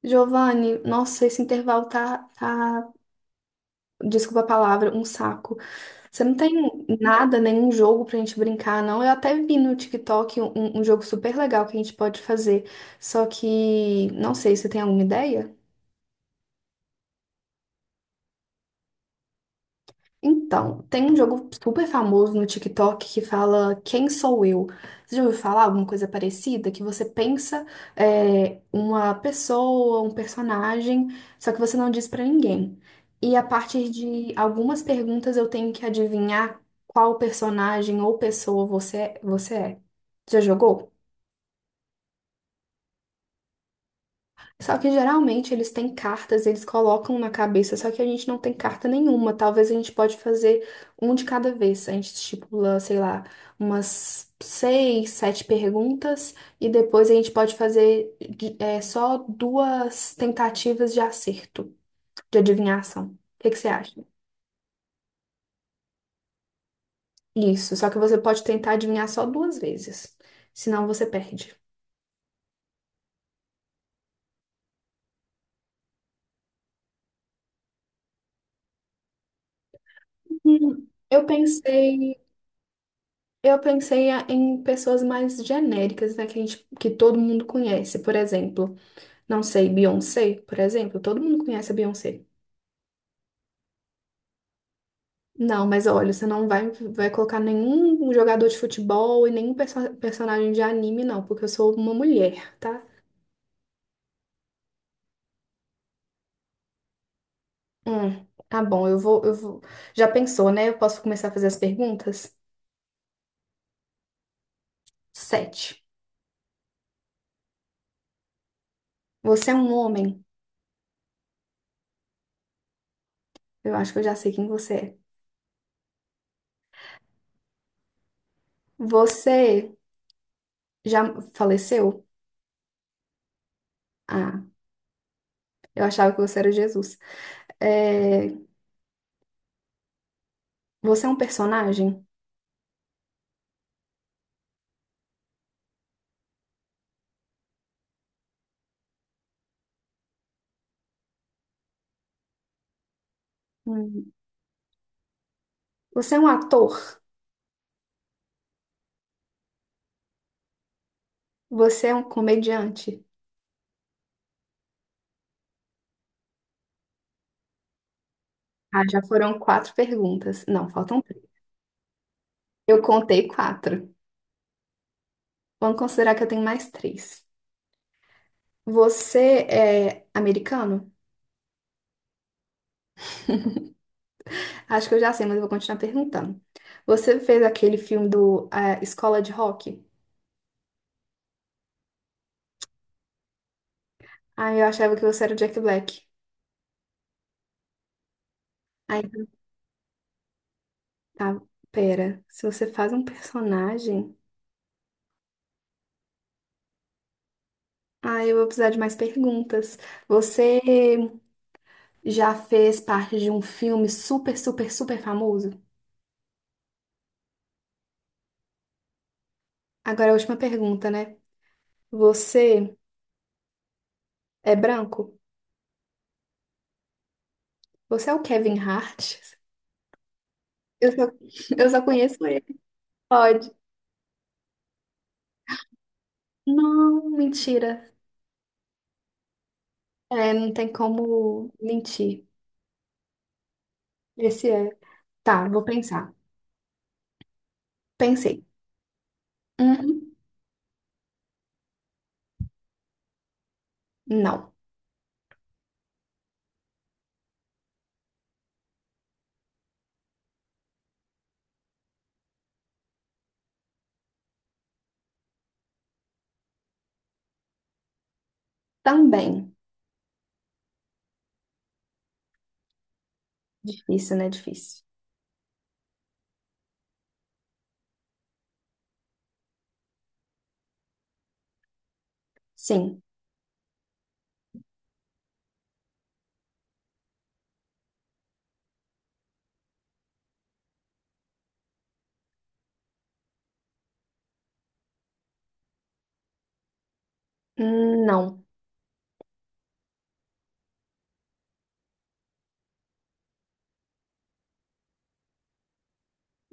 Giovanni, nossa, esse intervalo tá, desculpa a palavra, um saco. Você não tem nada, nenhum jogo pra gente brincar, não? Eu até vi no TikTok um jogo super legal que a gente pode fazer, só que não sei, você tem alguma ideia? Então, tem um jogo super famoso no TikTok que fala Quem Sou Eu? Você já ouviu falar alguma coisa parecida? Que você pensa uma pessoa, um personagem, só que você não diz pra ninguém. E a partir de algumas perguntas eu tenho que adivinhar qual personagem ou pessoa você é. Já jogou? Só que geralmente eles têm cartas, eles colocam na cabeça, só que a gente não tem carta nenhuma. Talvez a gente pode fazer um de cada vez. A gente estipula, sei lá, umas seis, sete perguntas e depois a gente pode fazer só duas tentativas de acerto, de adivinhação. O que você acha? Isso, só que você pode tentar adivinhar só duas vezes, senão você perde. Eu pensei. Eu pensei em pessoas mais genéricas, né, que que todo mundo conhece. Por exemplo, não sei, Beyoncé, por exemplo, todo mundo conhece a Beyoncé. Não, mas olha, você não vai, vai colocar nenhum jogador de futebol e nenhum personagem de anime, não, porque eu sou uma mulher, tá? Tá bom, eu vou. Já pensou, né? Eu posso começar a fazer as perguntas? Sete. Você é um homem? Eu acho que eu já sei quem você é. Você já faleceu? Ah, eu achava que você era Jesus. É, você é um personagem? Hum, Você é um ator? Você é um comediante? Ah, já foram quatro perguntas. Não, faltam três. Eu contei quatro. Vamos considerar que eu tenho mais três. Você é americano? Acho que eu já sei, mas eu vou continuar perguntando. Você fez aquele filme do Escola de Rock? Ah, eu achava que você era o Jack Black. Aí, tá, pera. Se você faz um personagem. Ah, eu vou precisar de mais perguntas. Você. Já fez parte de um filme super, super, super famoso? Agora é a última pergunta, né? Você é branco? Você é o Kevin Hart? Eu só, eu só conheço ele. Pode. Não, mentira. É, não tem como mentir. Esse é. Tá, vou pensar. Pensei. Uhum. Não. Também. Difícil, né? Difícil. Sim. Não.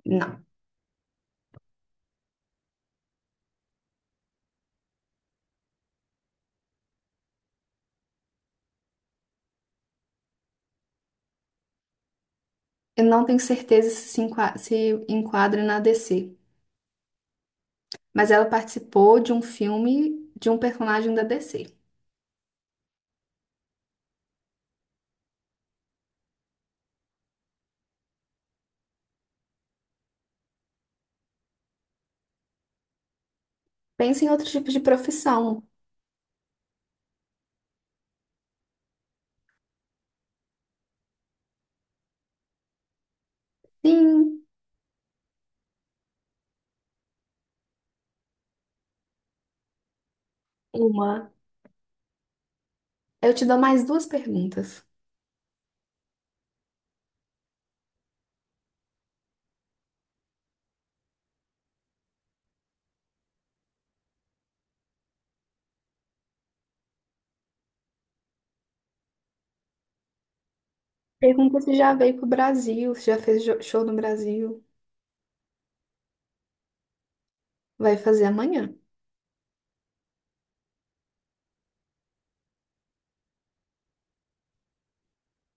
Não. Eu não tenho certeza se enquadra na DC, mas ela participou de um filme de um personagem da DC. Pensa em outro tipo de profissão. Sim, uma. Eu te dou mais duas perguntas. Pergunta se já veio pro Brasil, se já fez show no Brasil. Vai fazer amanhã.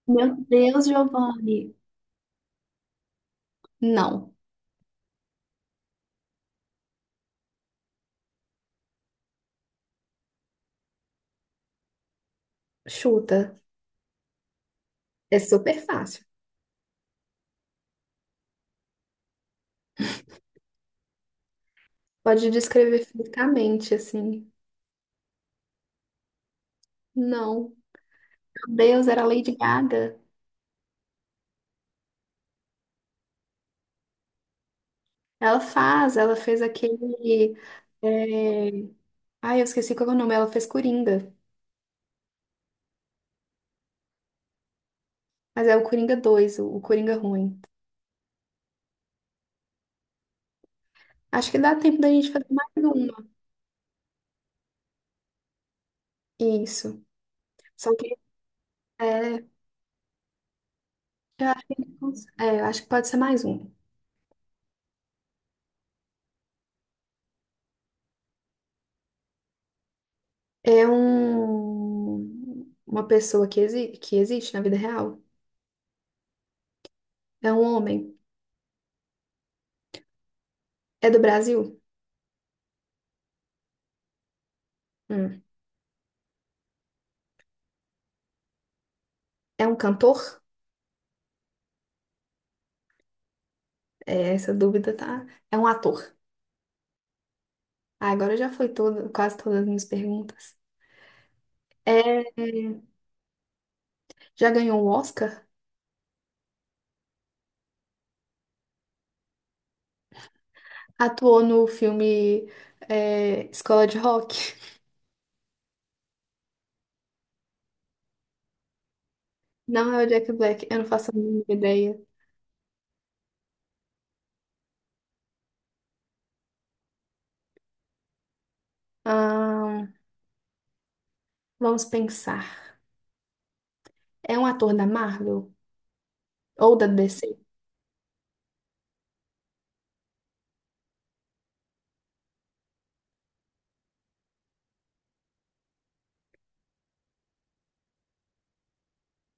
Meu Deus, Giovanni. Não. Chuta. É super fácil. Pode descrever fisicamente, assim. Não. Meu Deus, era Lady Gaga. Ela fez aquele. é, Ai, eu esqueci qual é o nome. Ela fez Coringa. Mas é o Coringa 2, o Coringa ruim. Acho que dá tempo da gente fazer mais uma. Isso. Só que é, eu acho que, a gente eu acho que pode ser mais um. É uma pessoa que, exi que existe na vida real. É um homem. É do Brasil? Hum. É um cantor? É, essa dúvida tá. É um ator. Ah, agora já foi todo, quase todas as minhas perguntas. É, já ganhou um Oscar? Atuou no filme Escola de Rock? Não é o Jack Black, eu não faço a mínima ideia. Ahn, vamos pensar. É um ator da Marvel? Ou da DC?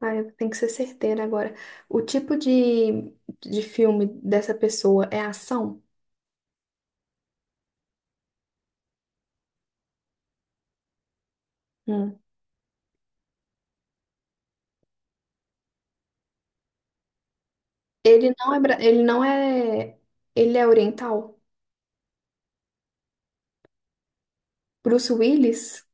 Ah, eu tenho que ser certeira agora. O tipo de filme dessa pessoa é ação? Hum. Ele não é, ele é oriental? Bruce Willis?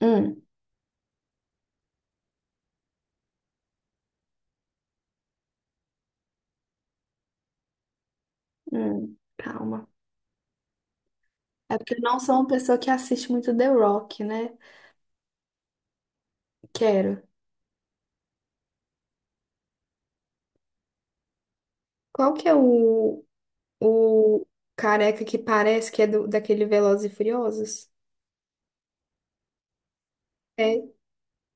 Hum, calma. É porque eu não sou uma pessoa que assiste muito The Rock, né? Quero. Qual que é o careca que parece que é daquele Velozes e Furiosos? É.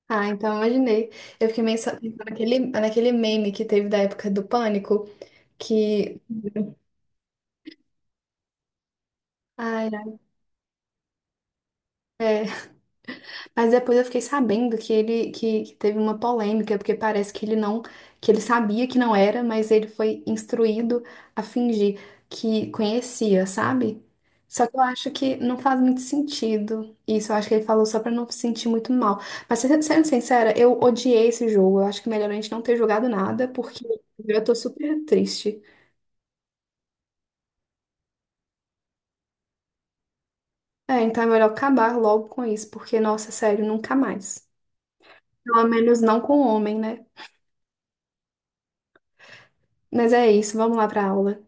Ah, então imaginei. Eu fiquei meio pensando naquele meme que teve da época do pânico, que. Ai, ai, é. Mas depois eu fiquei sabendo que teve uma polêmica, porque parece que ele sabia que não era, mas ele foi instruído a fingir que conhecia, sabe? Só que eu acho que não faz muito sentido isso. Eu acho que ele falou só pra não se sentir muito mal. Mas sendo sincera, eu odiei esse jogo. Eu acho que é melhor a gente não ter jogado nada, porque eu tô super triste. É, então é melhor acabar logo com isso, porque, nossa, sério, nunca mais. Pelo menos não com o homem, né? Mas é isso, vamos lá pra aula.